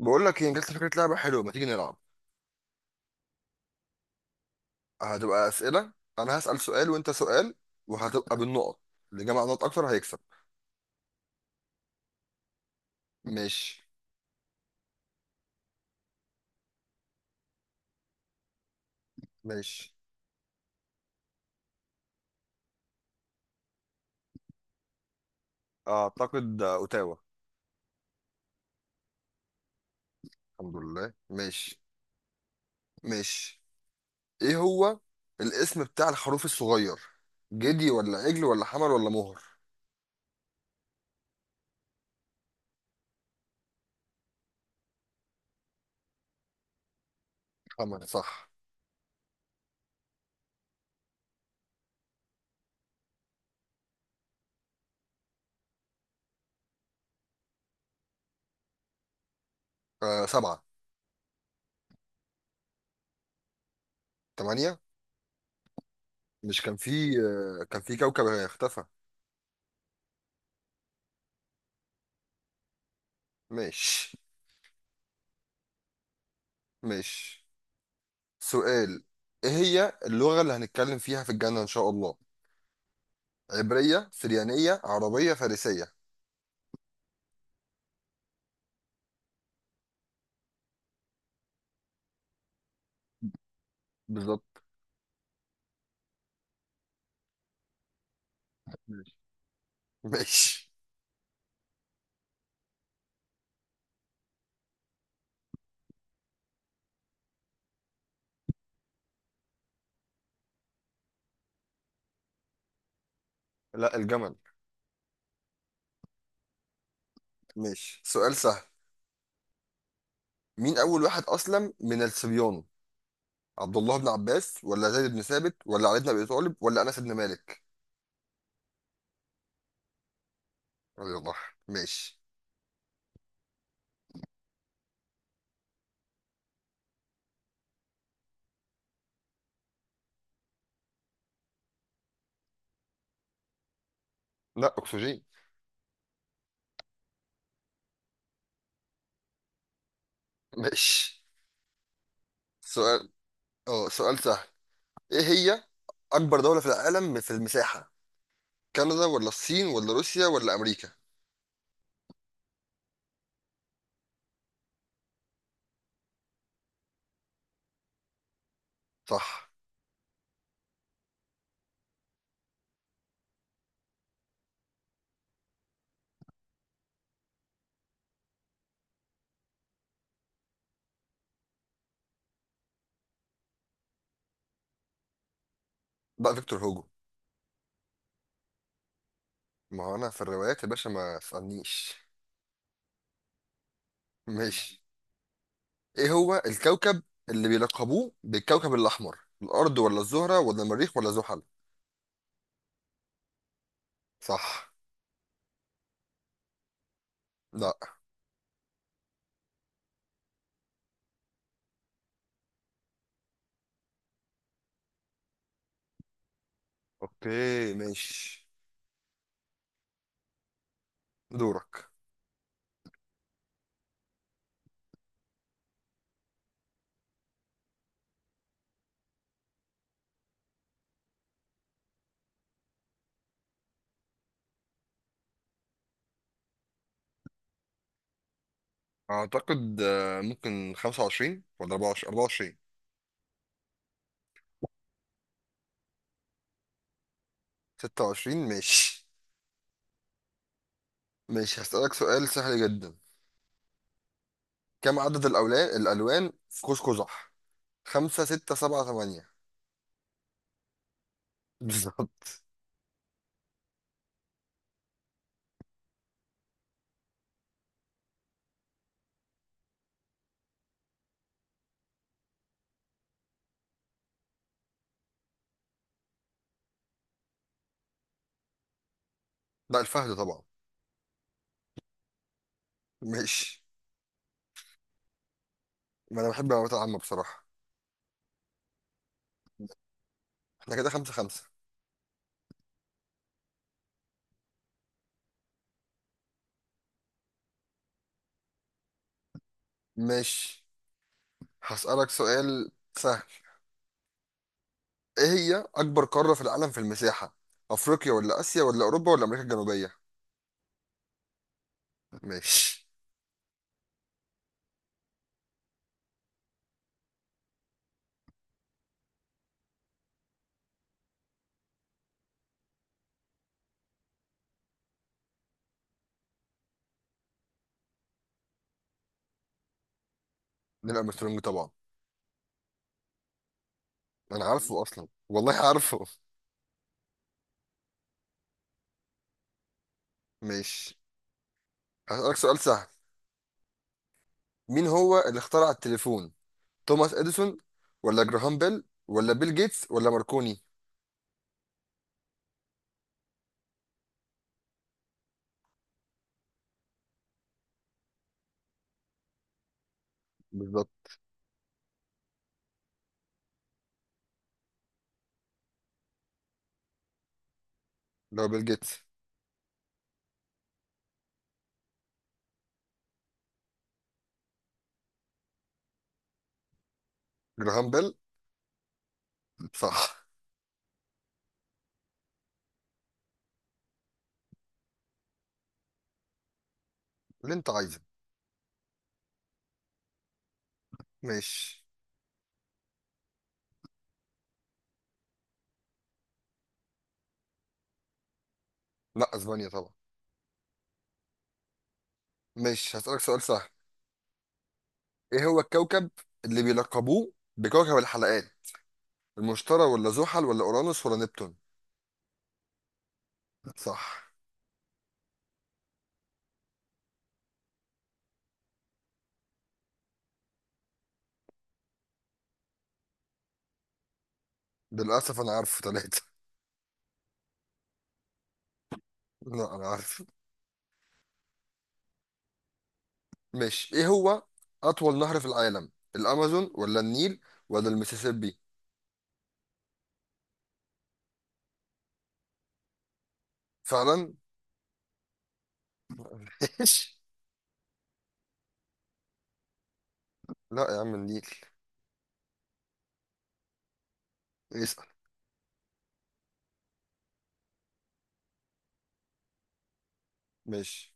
بقول لك ايه، جت لي فكره لعبه حلوه، ما تيجي نلعب. هتبقى اسئله. انا هسال سؤال وانت سؤال، وهتبقى بالنقط، اللي جمع نقط اكتر هيكسب. ماشي. ماشي، اعتقد اوتاوا. الحمد لله ماشي. ماشي. ايه هو الاسم بتاع الخروف الصغير؟ جدي ولا عجل ولا حمل ولا مهر؟ حمل صح. سبعة. تمانية. مش كان في؟ كان في كوكب اختفى. ماشي. ماشي. سؤال. ايه هي اللغة اللي هنتكلم فيها في الجنة ان شاء الله؟ عبرية، سريانية، عربية، فارسية؟ بالظبط. ماشي. ماشي. لا الجمل. ماشي سؤال سهل. مين أول واحد أسلم من الصبيان؟ عبد الله بن عباس ولا زيد بن ثابت ولا علي بن أبي طالب ولا أنس بن مالك؟ رضي الله عنه. ماشي. لا أكسجين. ماشي. سؤال. اه سؤال سهل. إيه هي أكبر دولة في العالم في المساحة؟ كندا ولا الصين ولا روسيا ولا أمريكا؟ صح. بقى فيكتور هوجو. ما هو أنا في الروايات يا باشا ما تسألنيش. ماشي. ايه هو الكوكب اللي بيلقبوه بالكوكب الاحمر؟ الارض ولا الزهرة ولا المريخ ولا زحل؟ صح. لا. اوكي ماشي. دورك. اعتقد ممكن 25 ولا 24 24. 26 ماشي. ماشي هسألك سؤال سهل جدا. كم عدد الأولان الألوان في قوس قزح؟ خمسة، ستة، سبعة، ثمانية؟ بالظبط. لا الفهد طبعا. ماشي. ما أنا بحب المعلومات العامة بصراحة. احنا كده خمسة خمسة. ماشي هسألك سؤال سهل. ايه هي اكبر قارة في العالم في المساحة؟ افريقيا ولا اسيا ولا اوروبا ولا امريكا الجنوبية؟ ماشي. نيل ارمسترونج طبعا. انا عارفه اصلا، والله عارفه. ماشي هسألك سؤال سهل. مين هو اللي اخترع التليفون؟ توماس اديسون ولا جراهام بيل ولا بيل جيتس ولا ماركوني؟ بالظبط. لو بيل جيتس. جراهام بيل. صح. اللي انت عايزه. ماشي. لا اسبانيا طبعا. ماشي هسألك سؤال سهل. ايه هو الكوكب اللي بيلقبوه بكوكب الحلقات؟ المشتري ولا زحل ولا اورانوس ولا نبتون؟ صح. للأسف أنا عارفه ثلاثة. لا أنا عارف. ماشي إيه هو أطول نهر في العالم؟ الأمازون ولا النيل ولا المسيسيبي؟ فعلا. ماشي. لا يا عم النيل. اسأل. ماشي.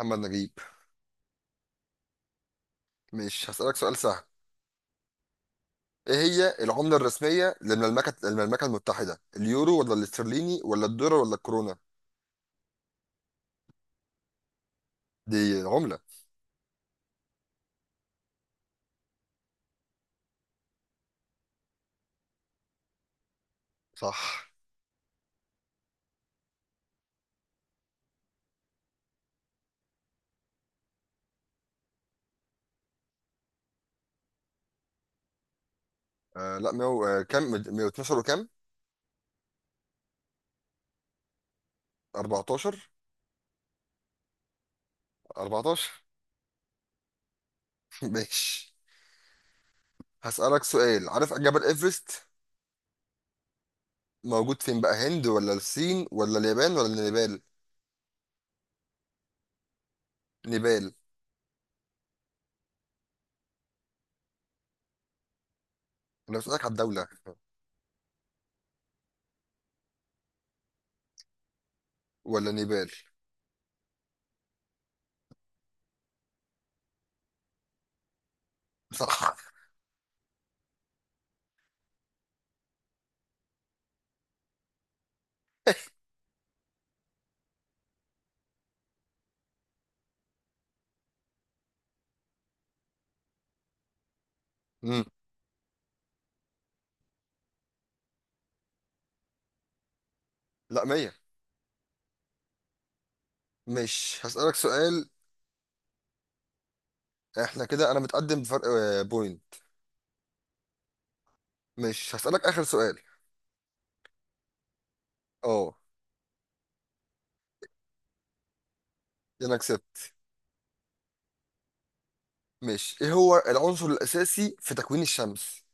محمد نجيب. ماشي هسألك سؤال سهل. إيه هي العملة الرسمية للمملكة المتحدة؟ اليورو ولا الاسترليني ولا الدولار ولا الكورونا؟ دي عملة. صح. آه لا ميو آه كام 112 وكام. 14. 14. ماشي هسألك سؤال. عارف جبل إيفرست موجود فين بقى؟ هند ولا الصين ولا اليابان ولا نيبال؟ نيبال. انا بسألك على الدولة. ولا نيبال. صح. امم. لا مية. مش هسألك سؤال. احنا كده انا متقدم بفرق بوينت. مش هسألك اخر سؤال. اه. انا كسبت. مش ايه هو العنصر الاساسي في تكوين الشمس؟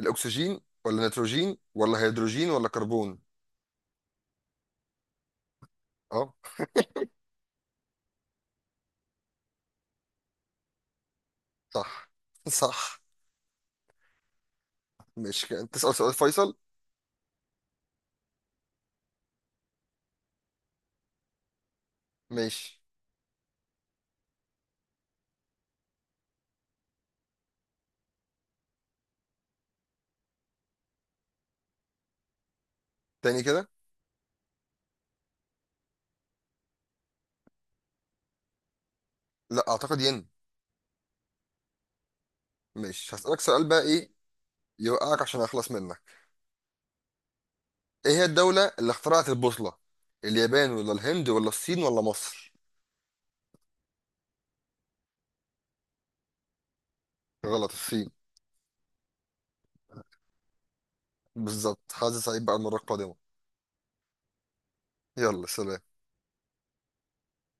الاكسجين ولا نيتروجين ولا هيدروجين ولا كربون؟ اه. صح. صح. مش كده. تسأل سؤال فيصل. ماشي. تاني كده. لا اعتقد ين. مش هسألك سؤال بقى ايه. يوقعك عشان اخلص منك. ايه هي الدولة اللي اخترعت البوصلة؟ اليابان ولا الهند ولا الصين ولا مصر؟ غلط الصين. بالظبط. حاسس سعيد بقى المرة القادمة. يلا سلام.